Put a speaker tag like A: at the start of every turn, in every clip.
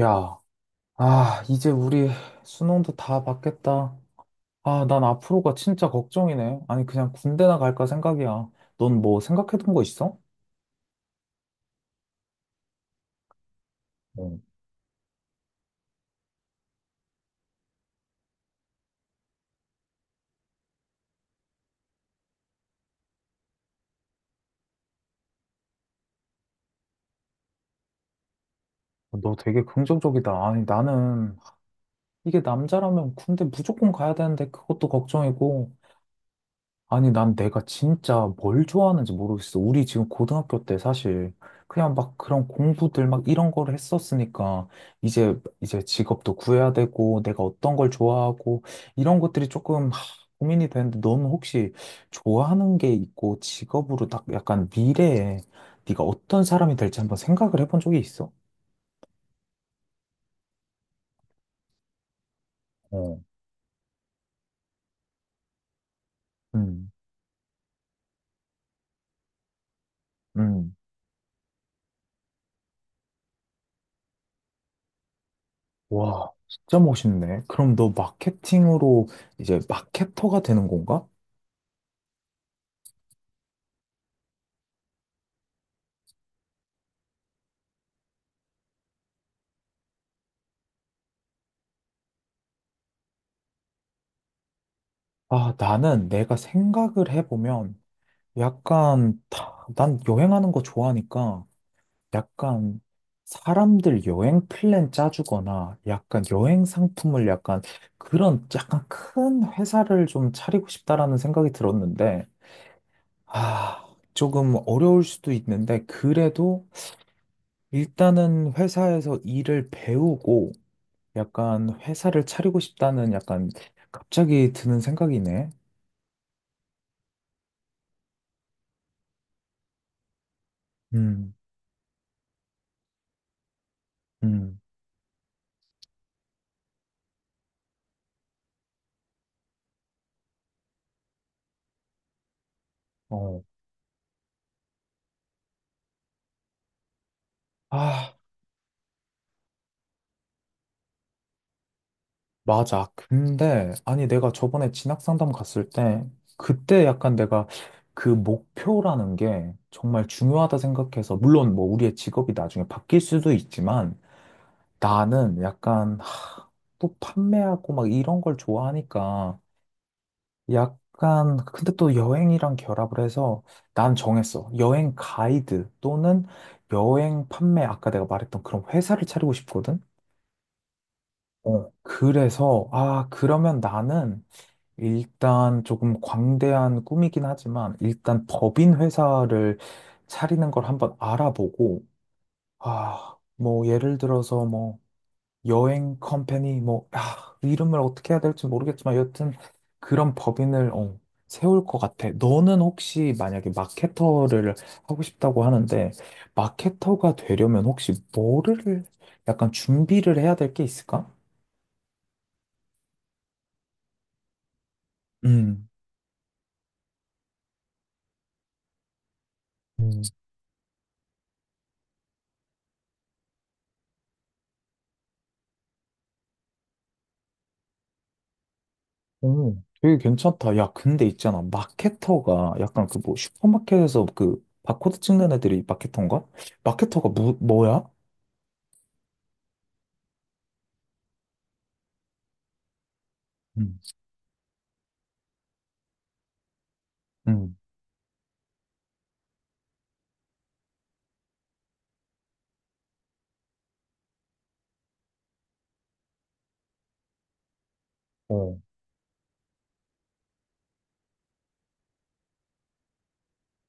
A: 야, 아, 이제 우리 수능도 다 봤겠다. 아, 난 앞으로가 진짜 걱정이네. 아니, 그냥 군대나 갈까 생각이야. 넌 뭐 생각해둔 거 있어? 어, 너 되게 긍정적이다. 아니, 나는 이게 남자라면 군대 무조건 가야 되는데 그것도 걱정이고, 아니, 난 내가 진짜 뭘 좋아하는지 모르겠어. 우리 지금 고등학교 때 사실 그냥 막 그런 공부들 막 이런 거를 했었으니까 이제 이제 직업도 구해야 되고 내가 어떤 걸 좋아하고 이런 것들이 조금 하, 고민이 되는데 너는 혹시 좋아하는 게 있고 직업으로 딱 약간 미래에 네가 어떤 사람이 될지 한번 생각을 해본 적이 있어? 어. 음, 음. 와, 진짜 멋있네. 그럼 너 마케팅으로 이제 마케터가 되는 건가? 아, 나는 내가 생각을 해보면 약간 난 여행하는 거 좋아하니까 약간 사람들 여행 플랜 짜주거나 약간 여행 상품을 약간 그런 약간 큰 회사를 좀 차리고 싶다라는 생각이 들었는데 아, 조금 어려울 수도 있는데 그래도 일단은 회사에서 일을 배우고 약간 회사를 차리고 싶다는 약간 갑자기 드는 생각이네. 음, 음. 어. 아, 맞아. 근데, 아니, 내가 저번에 진학 상담 갔을 때, 그때 약간 내가 그 목표라는 게 정말 중요하다 생각해서, 물론 뭐 우리의 직업이 나중에 바뀔 수도 있지만, 나는 약간, 하, 또 판매하고 막 이런 걸 좋아하니까, 약간, 근데 또 여행이랑 결합을 해서 난 정했어. 여행 가이드 또는 여행 판매, 아까 내가 말했던 그런 회사를 차리고 싶거든? 어, 그래서, 아, 그러면 나는, 일단 조금 광대한 꿈이긴 하지만 일단 법인 회사를 차리는 걸 한번 알아보고 아, 뭐 예를 들어서 뭐 여행 컴퍼니 뭐 아, 이름을 어떻게 해야 될지 모르겠지만 여튼 그런 법인을 어, 세울 것 같아. 너는 혹시 만약에 마케터를 하고 싶다고 하는데 마케터가 되려면 혹시 뭐를 약간 준비를 해야 될 게 있을까? 음. 오, 되게 괜찮다. 야, 근데 있잖아. 마케터가 약간 그 뭐 슈퍼마켓에서 그 바코드 찍는 애들이 마케터인가? 마케터가 뭐야? 음, 음, 어.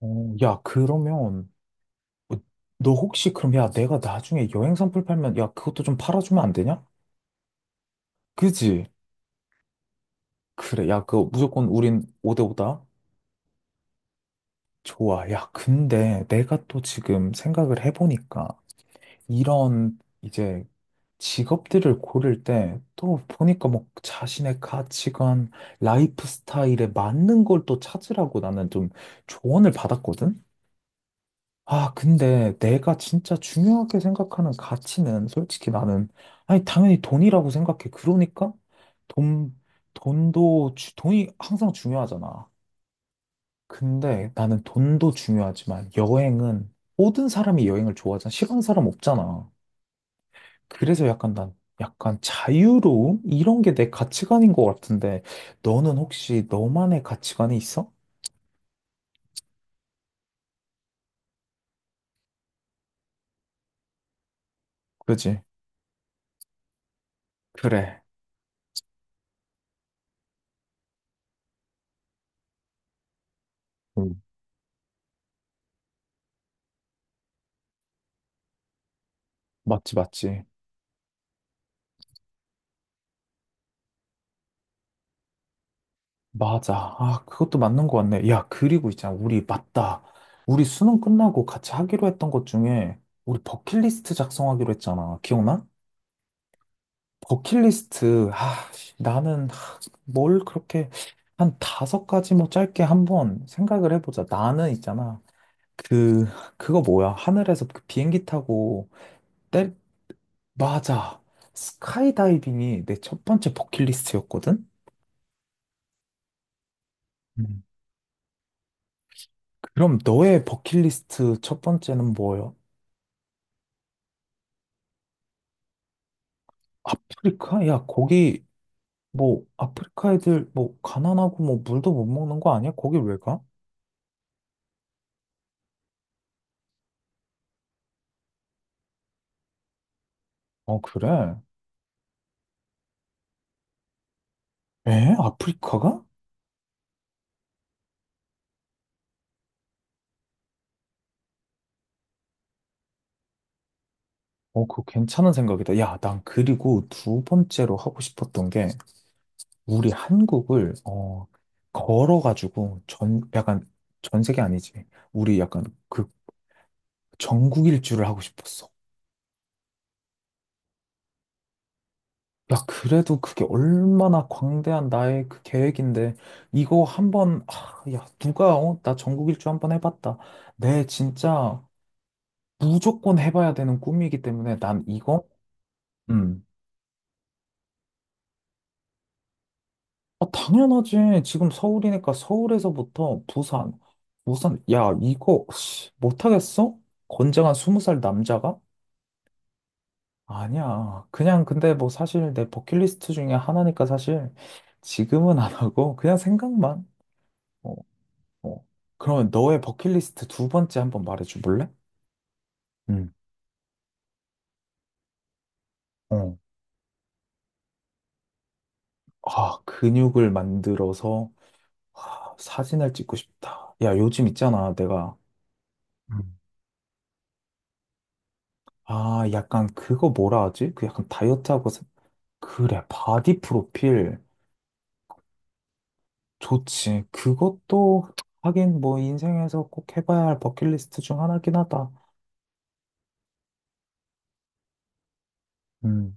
A: 어, 야, 그러면 어, 너 혹시 그럼 야, 내가 나중에 여행 선풀 팔면 야, 그것도 좀 팔아주면 안 되냐? 그지? 그래. 야, 그거 무조건 우린 5대5다. 좋아. 야, 근데 내가 또 지금 생각을 해보니까 이런 이제 직업들을 고를 때 또 보니까 뭐 자신의 가치관, 라이프 스타일에 맞는 걸 또 찾으라고 나는 좀 조언을 받았거든? 아, 근데 내가 진짜 중요하게 생각하는 가치는 솔직히 나는, 아니, 당연히 돈이라고 생각해. 그러니까 돈, 돈도, 돈이 항상 중요하잖아. 근데 나는 돈도 중요하지만 여행은 모든 사람이 여행을 좋아하잖아. 싫어하는 사람 없잖아. 그래서 약간 난 약간 자유로움? 이런 게 내 가치관인 것 같은데 너는 혹시 너만의 가치관이 있어? 그지? 그래. 음. 맞지, 맞지. 맞아. 아, 그것도 맞는 것 같네. 야, 그리고 있잖아. 우리 맞다. 우리 수능 끝나고 같이 하기로 했던 것 중에 우리 버킷리스트 작성하기로 했잖아. 기억나? 버킷리스트. 아, 씨, 나는 뭘 그렇게 한 5가지 뭐 짧게 한번 생각을 해보자. 나는 있잖아. 그, 그거 뭐야? 하늘에서 그 비행기 타고, 때, 맞아. 스카이다이빙이 내 첫 번째 버킷리스트였거든? 음. 그럼 너의 버킷리스트 첫 번째는 뭐예요? 아프리카? 야, 거기, 뭐, 아프리카 애들, 뭐, 가난하고, 뭐, 물도 못 먹는 거 아니야? 거기 왜 가? 어, 그래? 에? 아프리카가? 어, 그거 괜찮은 생각이다. 야, 난 그리고 두 번째로 하고 싶었던 게, 우리 한국을 어 걸어가지고 전 약간 전 세계 아니지. 우리 약간 그 전국 일주를 하고 싶었어. 야, 그래도 그게 얼마나 광대한 나의 그 계획인데 이거 한번 아, 야, 누가 어, 나 전국 일주 한번 해봤다. 내 진짜 무조건 해봐야 되는 꿈이기 때문에 난 이거 음. 아, 당연하지. 지금 서울이니까 서울에서부터 부산, 부산, 야, 이거 씨, 못하겠어? 건장한 20살 남자가? 아니야. 그냥 근데 뭐 사실 내 버킷리스트 중에 하나니까 사실 지금은 안 하고 그냥 생각만. 어, 어. 그러면 너의 버킷리스트 두 번째 한번 말해줘 볼래? 응. 어. 아, 근육을 만들어서 아, 사진을 찍고 싶다. 야, 요즘 있잖아. 내가 음. 아, 약간 그거 뭐라 하지? 그 약간 다이어트하고 그래. 바디 프로필 좋지. 그것도 하긴 뭐 인생에서 꼭 해봐야 할 버킷리스트 중 하나긴 하다. 음.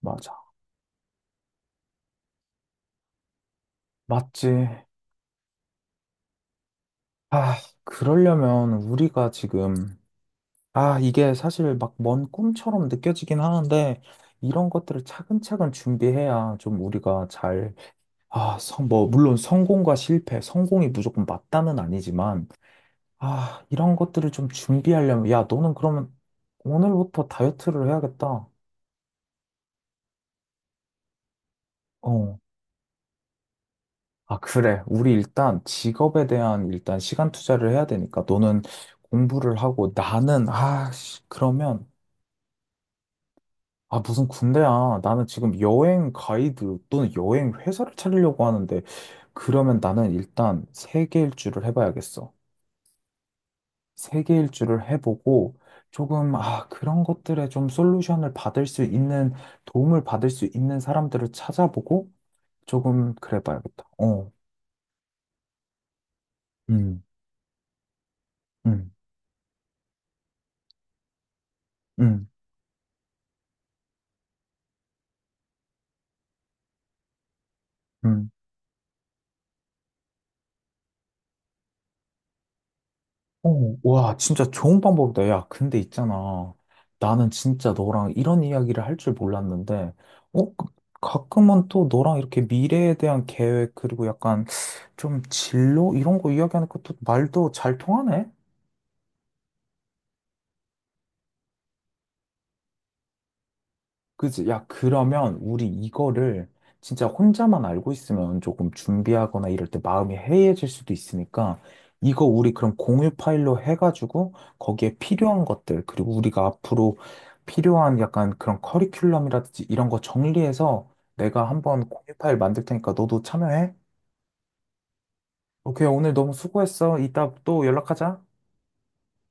A: 맞아. 맞지. 아, 그러려면 우리가 지금, 아, 이게 사실 막 먼 꿈처럼 느껴지긴 하는데, 이런 것들을 차근차근 준비해야 좀 우리가 잘, 아, 성, 뭐, 물론 성공과 실패, 성공이 무조건 맞다는 아니지만, 아, 이런 것들을 좀 준비하려면, 야, 너는 그러면 오늘부터 다이어트를 해야겠다. 어. 아, 그래. 우리 일단 직업에 대한 일단 시간 투자를 해야 되니까, 너는 공부를 하고, 나는, 아, 씨, 그러면, 아, 무슨 군대야. 나는 지금 여행 가이드 또는 여행 회사를 차리려고 하는데, 그러면 나는 일단 세계 일주를 해봐야겠어. 세계 일주를 해보고, 조금, 아, 그런 것들에 좀 솔루션을 받을 수 있는, 도움을 받을 수 있는 사람들을 찾아보고, 조금 그래 봐야겠다. 어, 음, 음, 음, 음. 어, 와, 진짜 좋은 방법이다. 야, 근데 있잖아. 나는 진짜 너랑 이런 이야기를 할 줄 몰랐는데, 어, 가끔은 또 너랑 이렇게 미래에 대한 계획, 그리고 약간 좀 진로? 이런 거 이야기하는 것도 말도 잘 통하네? 그지? 야, 그러면 우리 이거를 진짜 혼자만 알고 있으면 조금 준비하거나 이럴 때 마음이 해이해질 수도 있으니까 이거 우리 그럼 공유 파일로 해가지고 거기에 필요한 것들, 그리고 우리가 앞으로 필요한 약간 그런 커리큘럼이라든지 이런 거 정리해서 내가 한번 공유 파일 만들 테니까 너도 참여해. 오케이, 오늘 너무 수고했어. 이따 또 연락하자.